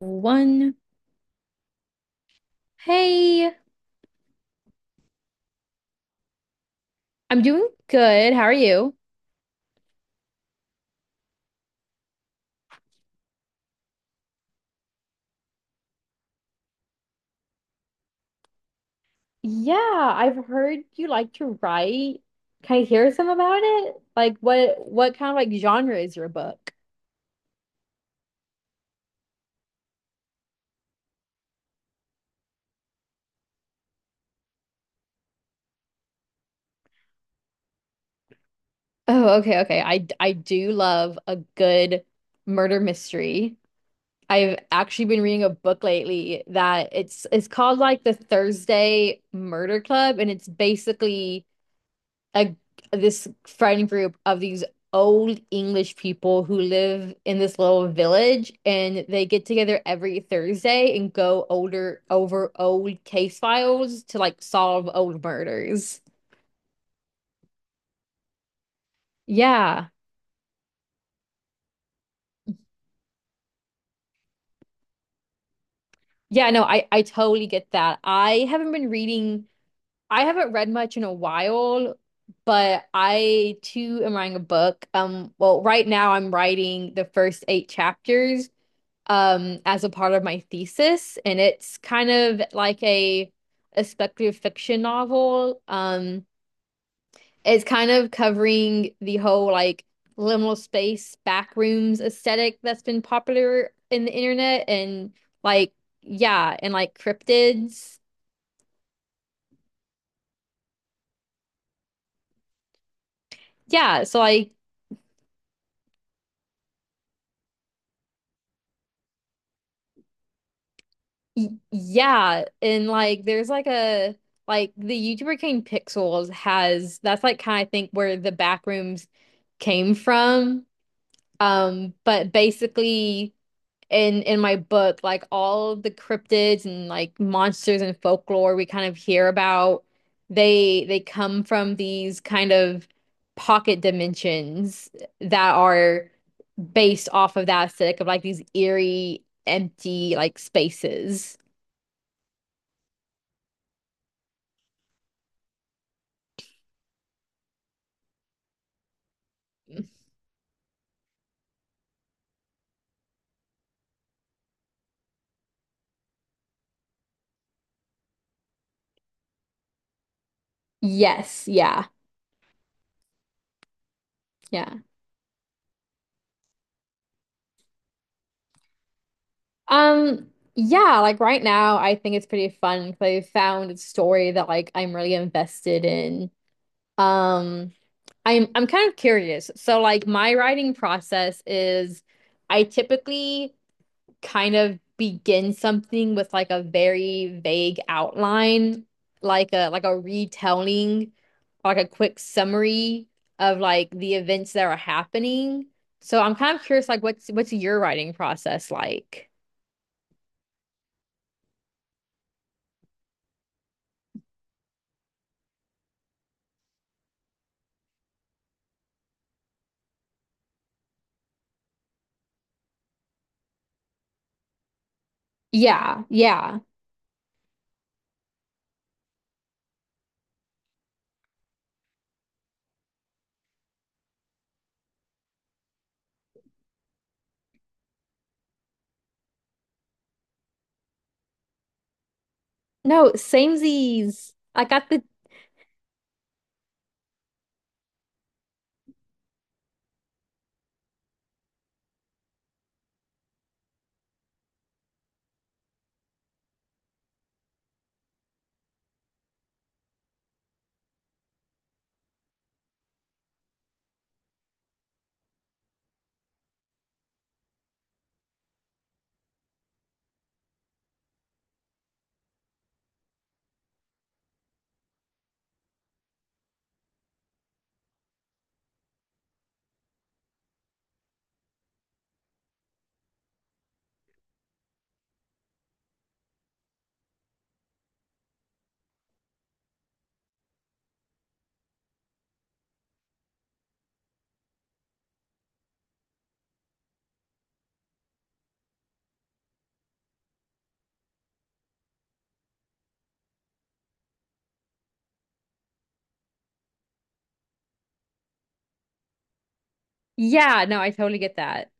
One. Hey, I'm doing good. How are you? Yeah, I've heard you like to write. Can I hear some about it? Like what kind of like genre is your book? Oh, okay, okay. I do love a good murder mystery. I've actually been reading a book lately that it's called like The Thursday Murder Club, and it's basically a this friend group of these old English people who live in this little village and they get together every Thursday and go older over old case files to like solve old murders. Yeah. Yeah, no, I totally get that. I haven't been reading. I haven't read much in a while, but I too am writing a book. Well, right now I'm writing the first eight chapters as a part of my thesis, and it's kind of like a speculative fiction novel. It's kind of covering the whole like liminal space backrooms aesthetic that's been popular in the internet, and like yeah, and like cryptids, yeah. So like y yeah, and like there's like a. Like the YouTuber Cane Pixels has that's like kind of think where the backrooms came from. But basically in my book, like all of the cryptids and like monsters and folklore we kind of hear about, they come from these kind of pocket dimensions that are based off of that aesthetic of like these eerie, empty like spaces. Yes, yeah, yeah. Um, yeah, like right now I think it's pretty fun because I found a story that like I'm really invested in. Um, I'm kind of curious. So like my writing process is I typically kind of begin something with like a very vague outline, like a retelling, like a quick summary of like the events that are happening. So I'm kind of curious like what's your writing process like? Yeah, yeah. No, samesies. I got the yeah, no, I totally get that.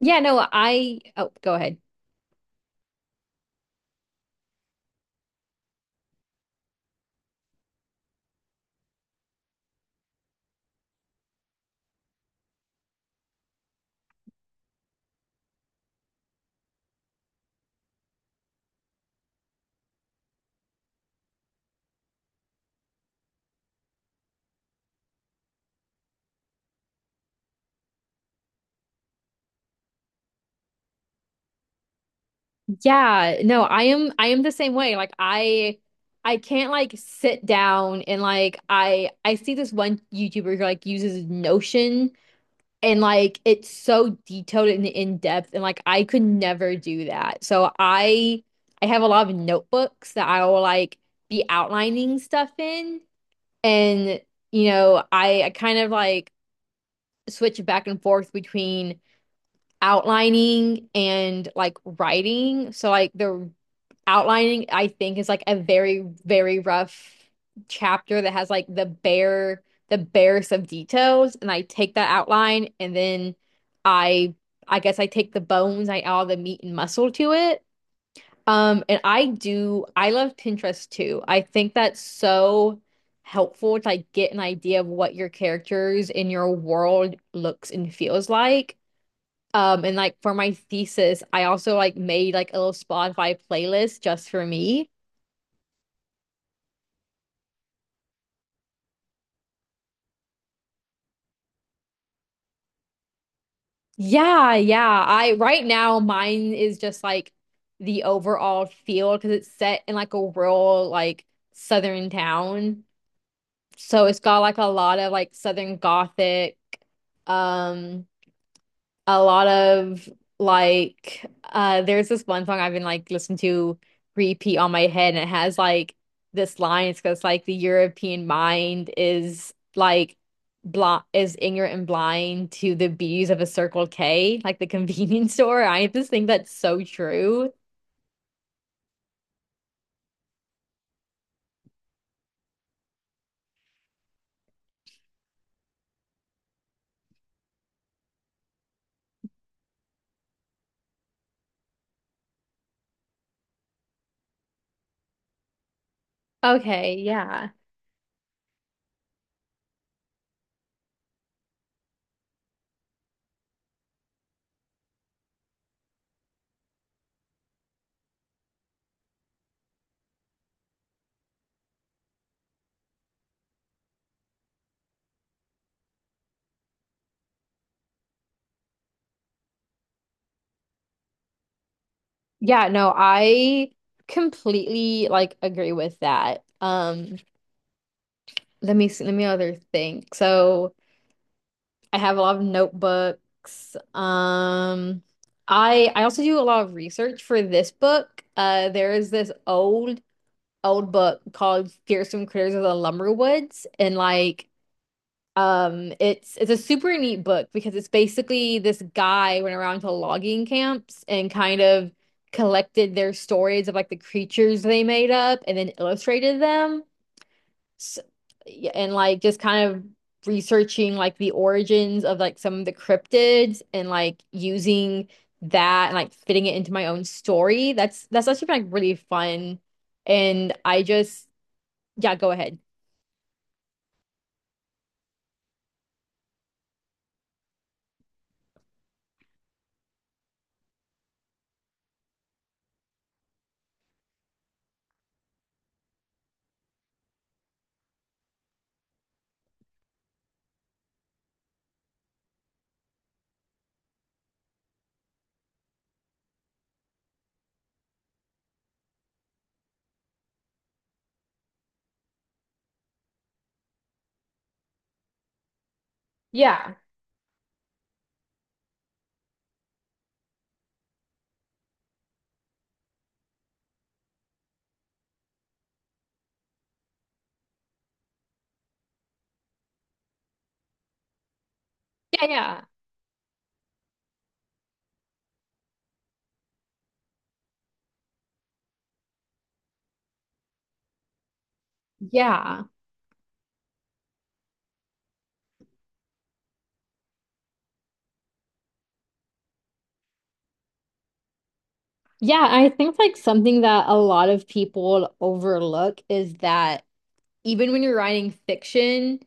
Yeah, no, I go ahead. Yeah, no, I am the same way. I can't like sit down and like I see this one YouTuber who like uses Notion and like it's so detailed and in depth and like I could never do that. So I have a lot of notebooks that I will like be outlining stuff in, and you know, I kind of like switch back and forth between outlining and like writing. So like the outlining, I think, is like a very, very rough chapter that has like the barest of details. And I take that outline and then I I guess I take the bones, I add all the meat and muscle to it. And I do, I love Pinterest too. I think that's so helpful to like get an idea of what your characters in your world looks and feels like. And like for my thesis, I also like made like a little Spotify playlist just for me. Yeah, yeah. I right now mine is just like the overall feel because it's set in like a rural like southern town. So it's got like a lot of like southern gothic, um, a lot of like there's this one song I've been like listening to repeat on my head and it has like this line. It's because like the European mind is like blind, is ignorant and blind to the beauties of a Circle K, like the convenience store. I just think that's so true. Okay, yeah, yeah, no, I completely like agree with that. Let me see, let me other think. So I have a lot of notebooks. I also do a lot of research for this book. There is this old book called Fearsome Critters of the Lumberwoods, and like it's a super neat book because it's basically this guy went around to logging camps and kind of collected their stories of like the creatures they made up and then illustrated them yeah, and like just kind of researching like the origins of like some of the cryptids and like using that and like fitting it into my own story. That's actually been like really fun. And I just yeah, go ahead. Yeah. Yeah, yeah. Yeah. Yeah, I think like something that a lot of people overlook is that even when you're writing fiction,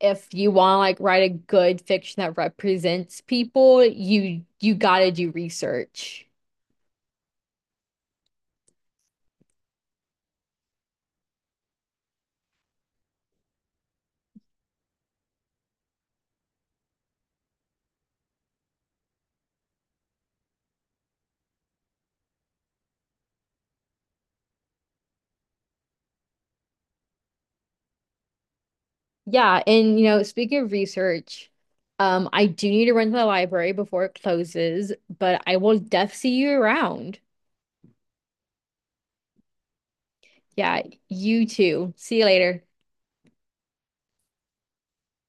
if you want to like write a good fiction that represents people, you gotta do research. Yeah, and you know, speaking of research, I do need to run to the library before it closes, but I will def see you around. Yeah, you too. See you later.